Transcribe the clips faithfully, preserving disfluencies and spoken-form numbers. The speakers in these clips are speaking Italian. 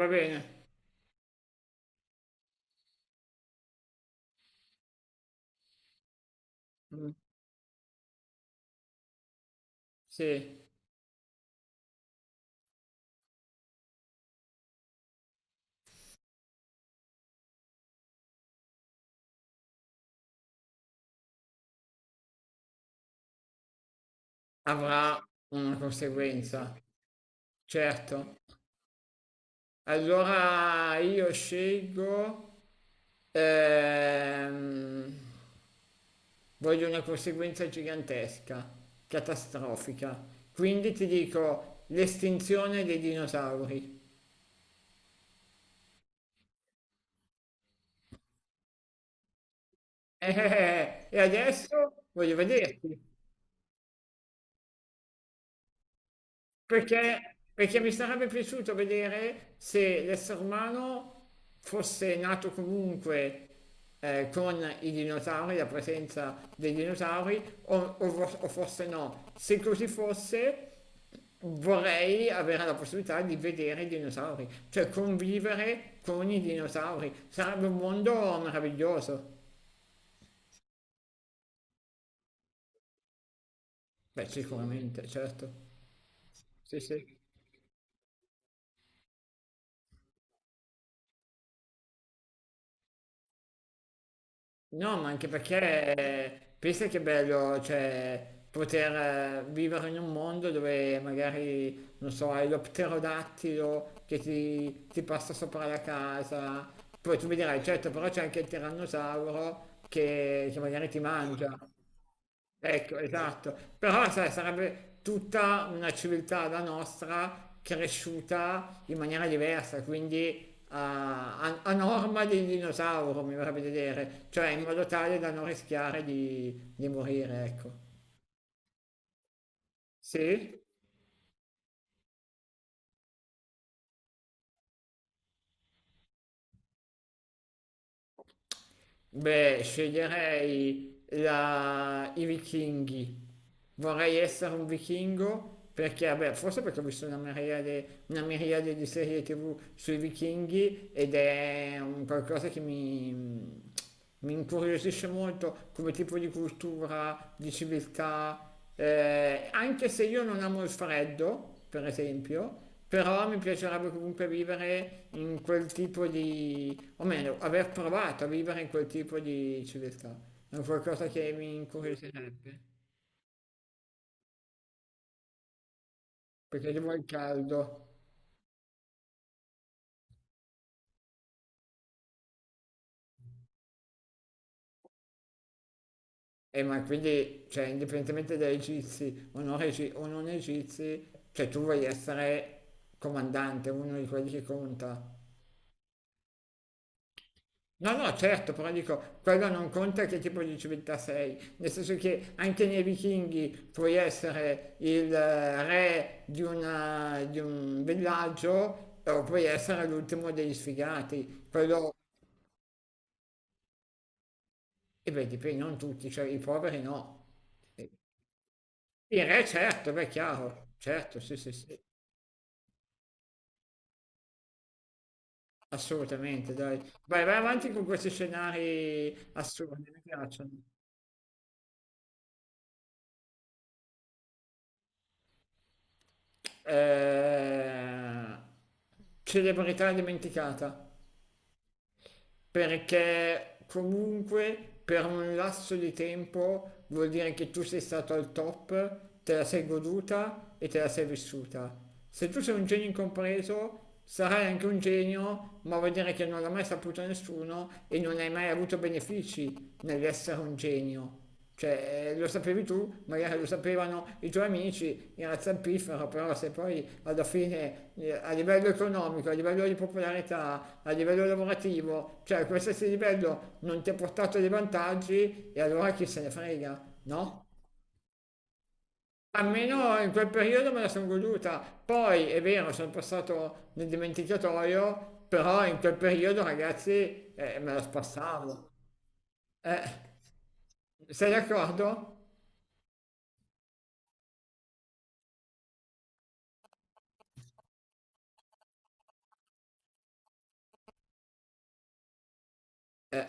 Va bene, mm, sì, avrà una conseguenza, certo. Allora io scelgo, ehm, voglio una conseguenza gigantesca, catastrofica. Quindi ti dico l'estinzione dei dinosauri. Eh, e adesso voglio vederti. Perché, perché mi sarebbe piaciuto vedere se l'essere umano fosse nato comunque eh, con i dinosauri, la presenza dei dinosauri, o, o vo- o forse no. Se così fosse, vorrei avere la possibilità di vedere i dinosauri, cioè convivere con i dinosauri. Sarebbe un mondo meraviglioso. Beh, sicuramente, certo. No, ma anche perché pensa che è bello, cioè, poter eh, vivere in un mondo dove magari, non so, hai lo pterodattilo che ti, ti passa sopra la casa. Poi tu mi dirai, certo, però c'è anche il tirannosauro che, che magari ti mangia. Ecco, esatto. Però sai, sarebbe tutta una civiltà la nostra cresciuta in maniera diversa, quindi a, a- a norma del dinosauro, mi verrebbe da dire, cioè in modo tale da non rischiare di, di morire, ecco. Sì? Beh, sceglierei la... i vichinghi. Vorrei essere un vichingo perché, vabbè, forse perché ho visto una miriade, una miriade di serie T V sui vichinghi ed è un qualcosa che mi, mi incuriosisce molto come tipo di cultura, di civiltà, eh, anche se io non amo il freddo, per esempio, però mi piacerebbe comunque vivere in quel tipo di, o meglio, aver provato a vivere in quel tipo di civiltà. È un qualcosa che mi incuriosirebbe, perché devo il caldo. E ma quindi, cioè, indipendentemente dai egizi o non, egi- o non egizi, cioè tu vuoi essere comandante, uno di quelli che conta. No, no, certo, però dico, quello non conta che tipo di civiltà sei, nel senso che anche nei vichinghi puoi essere il eh, re di, una- di un villaggio o puoi essere l'ultimo degli sfigati, quello, e beh, dipende, non tutti, cioè i poveri no. Il re certo, beh, chiaro, certo, sì, sì, sì, assolutamente, dai. Vai, vai avanti con questi scenari assurdi, mi piacciono. Eh, celebrità dimenticata. Perché comunque per un lasso di tempo vuol dire che tu sei stato al top, te la sei goduta e te la sei vissuta. Se tu sei un genio incompreso, sarai anche un genio, ma vuol dire che non l'ha mai saputo nessuno e non hai mai avuto benefici nell'essere un genio. Cioè, eh, lo sapevi tu, magari lo sapevano i tuoi amici, era zampifero, però se poi alla fine eh, a livello economico, a livello di popolarità, a livello lavorativo, cioè a qualsiasi livello non ti ha portato dei vantaggi e allora chi se ne frega, no? Almeno in quel periodo me la sono goduta, poi è vero, sono passato nel dimenticatoio, però in quel periodo ragazzi eh, me la spassavo. Eh, sei d'accordo? Eh.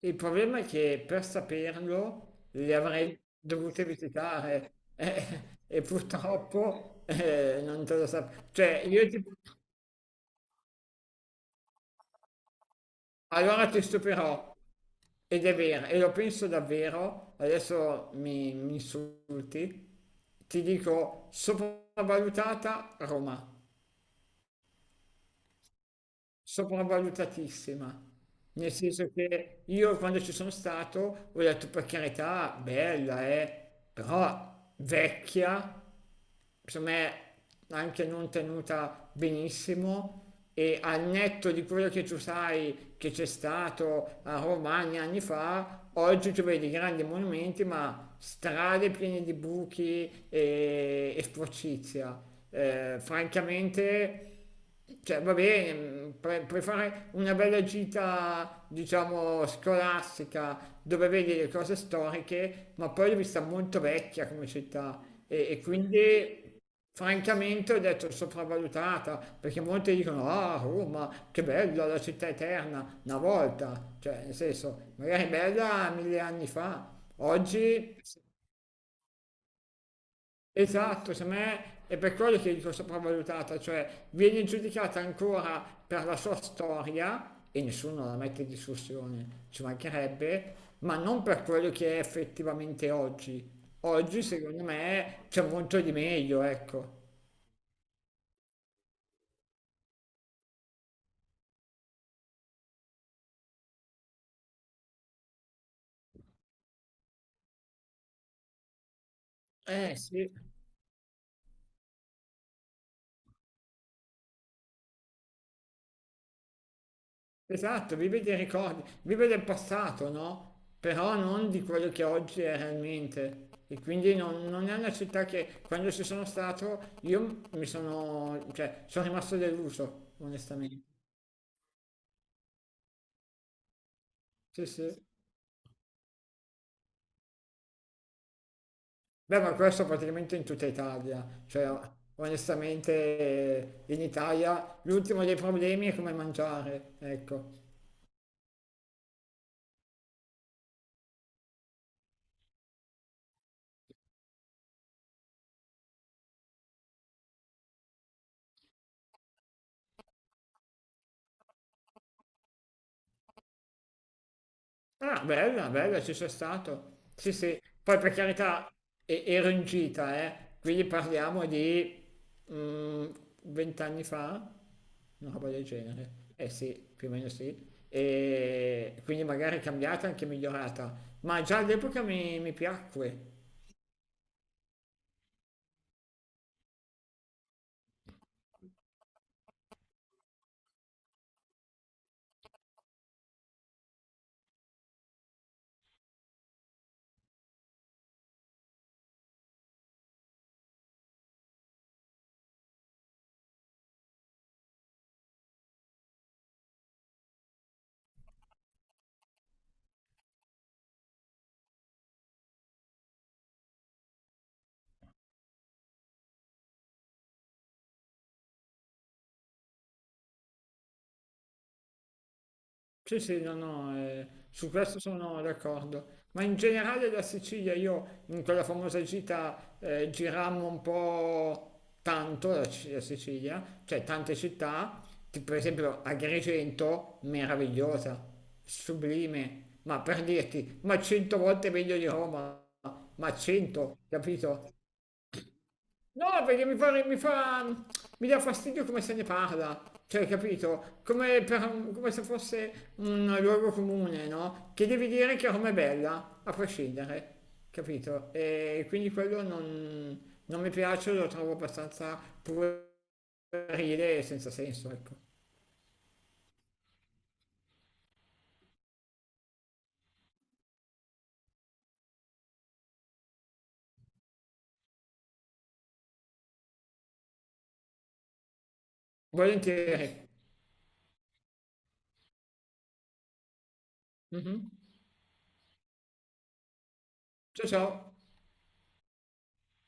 Il problema è che per saperlo le avrei dovute visitare eh, e purtroppo eh, non te lo sapevo. Cioè, io ti... allora ti stupirò. Ed è vero, e lo penso davvero, adesso mi, mi insulti, ti dico sopravvalutata Roma. Sopravvalutatissima. Nel senso che io quando ci sono stato ho detto per carità, bella, eh, però vecchia, secondo me anche non tenuta benissimo e al netto di quello che tu sai che c'è stato a Romagna anni fa, oggi tu vedi grandi monumenti ma strade piene di buchi e, e sporcizia. Eh, francamente cioè, va bene, pre- puoi fare una bella gita, diciamo, scolastica, dove vedi le cose storiche, ma poi l'ho vista molto vecchia come città e, e quindi, francamente, ho detto sopravvalutata, perché molti dicono, ah, Roma, che bella, la città eterna, una volta, cioè, nel senso, magari è bella mille anni fa, oggi. Esatto, secondo me è per quello che dico sopravvalutata, cioè viene giudicata ancora per la sua storia e nessuno la mette in discussione, ci mancherebbe, ma non per quello che è effettivamente oggi. Oggi, secondo me, c'è molto di meglio, ecco. Eh sì. Esatto, vive dei ricordi, vive del passato, no? Però non di quello che oggi è realmente. E quindi non, non è una città che quando ci sono stato io mi sono, cioè, sono rimasto deluso, onestamente. Sì, sì. Beh, ma questo praticamente in tutta Italia. Cioè, onestamente, eh, in Italia l'ultimo dei problemi è come mangiare, ecco. Ah, bella, bella, ci sono stato. Sì, sì. Poi per carità, e- ero in gita, eh. Quindi parliamo di mm, vent'anni fa, una roba del genere. Eh sì, più o meno sì. E quindi magari è cambiata, anche migliorata. Ma già all'epoca mi, mi piacque. Sì, sì, no, no, eh, su questo sono d'accordo. Ma in generale la Sicilia, io in quella famosa gita eh, girammo un po' tanto la, C- la Sicilia, cioè tante città, che per esempio Agrigento, meravigliosa, sublime, ma per dirti, ma cento volte meglio di Roma, ma cento, capito? No, perché mi fa, mi fa, mi dà fastidio come se ne parla, cioè, capito? Come, per- come se fosse un luogo comune, no? Che devi dire che Roma è bella, a prescindere, capito? E quindi quello non, non mi piace, lo trovo abbastanza puerile e senza senso, ecco. Volentieri. Mhm. Ciao ciao.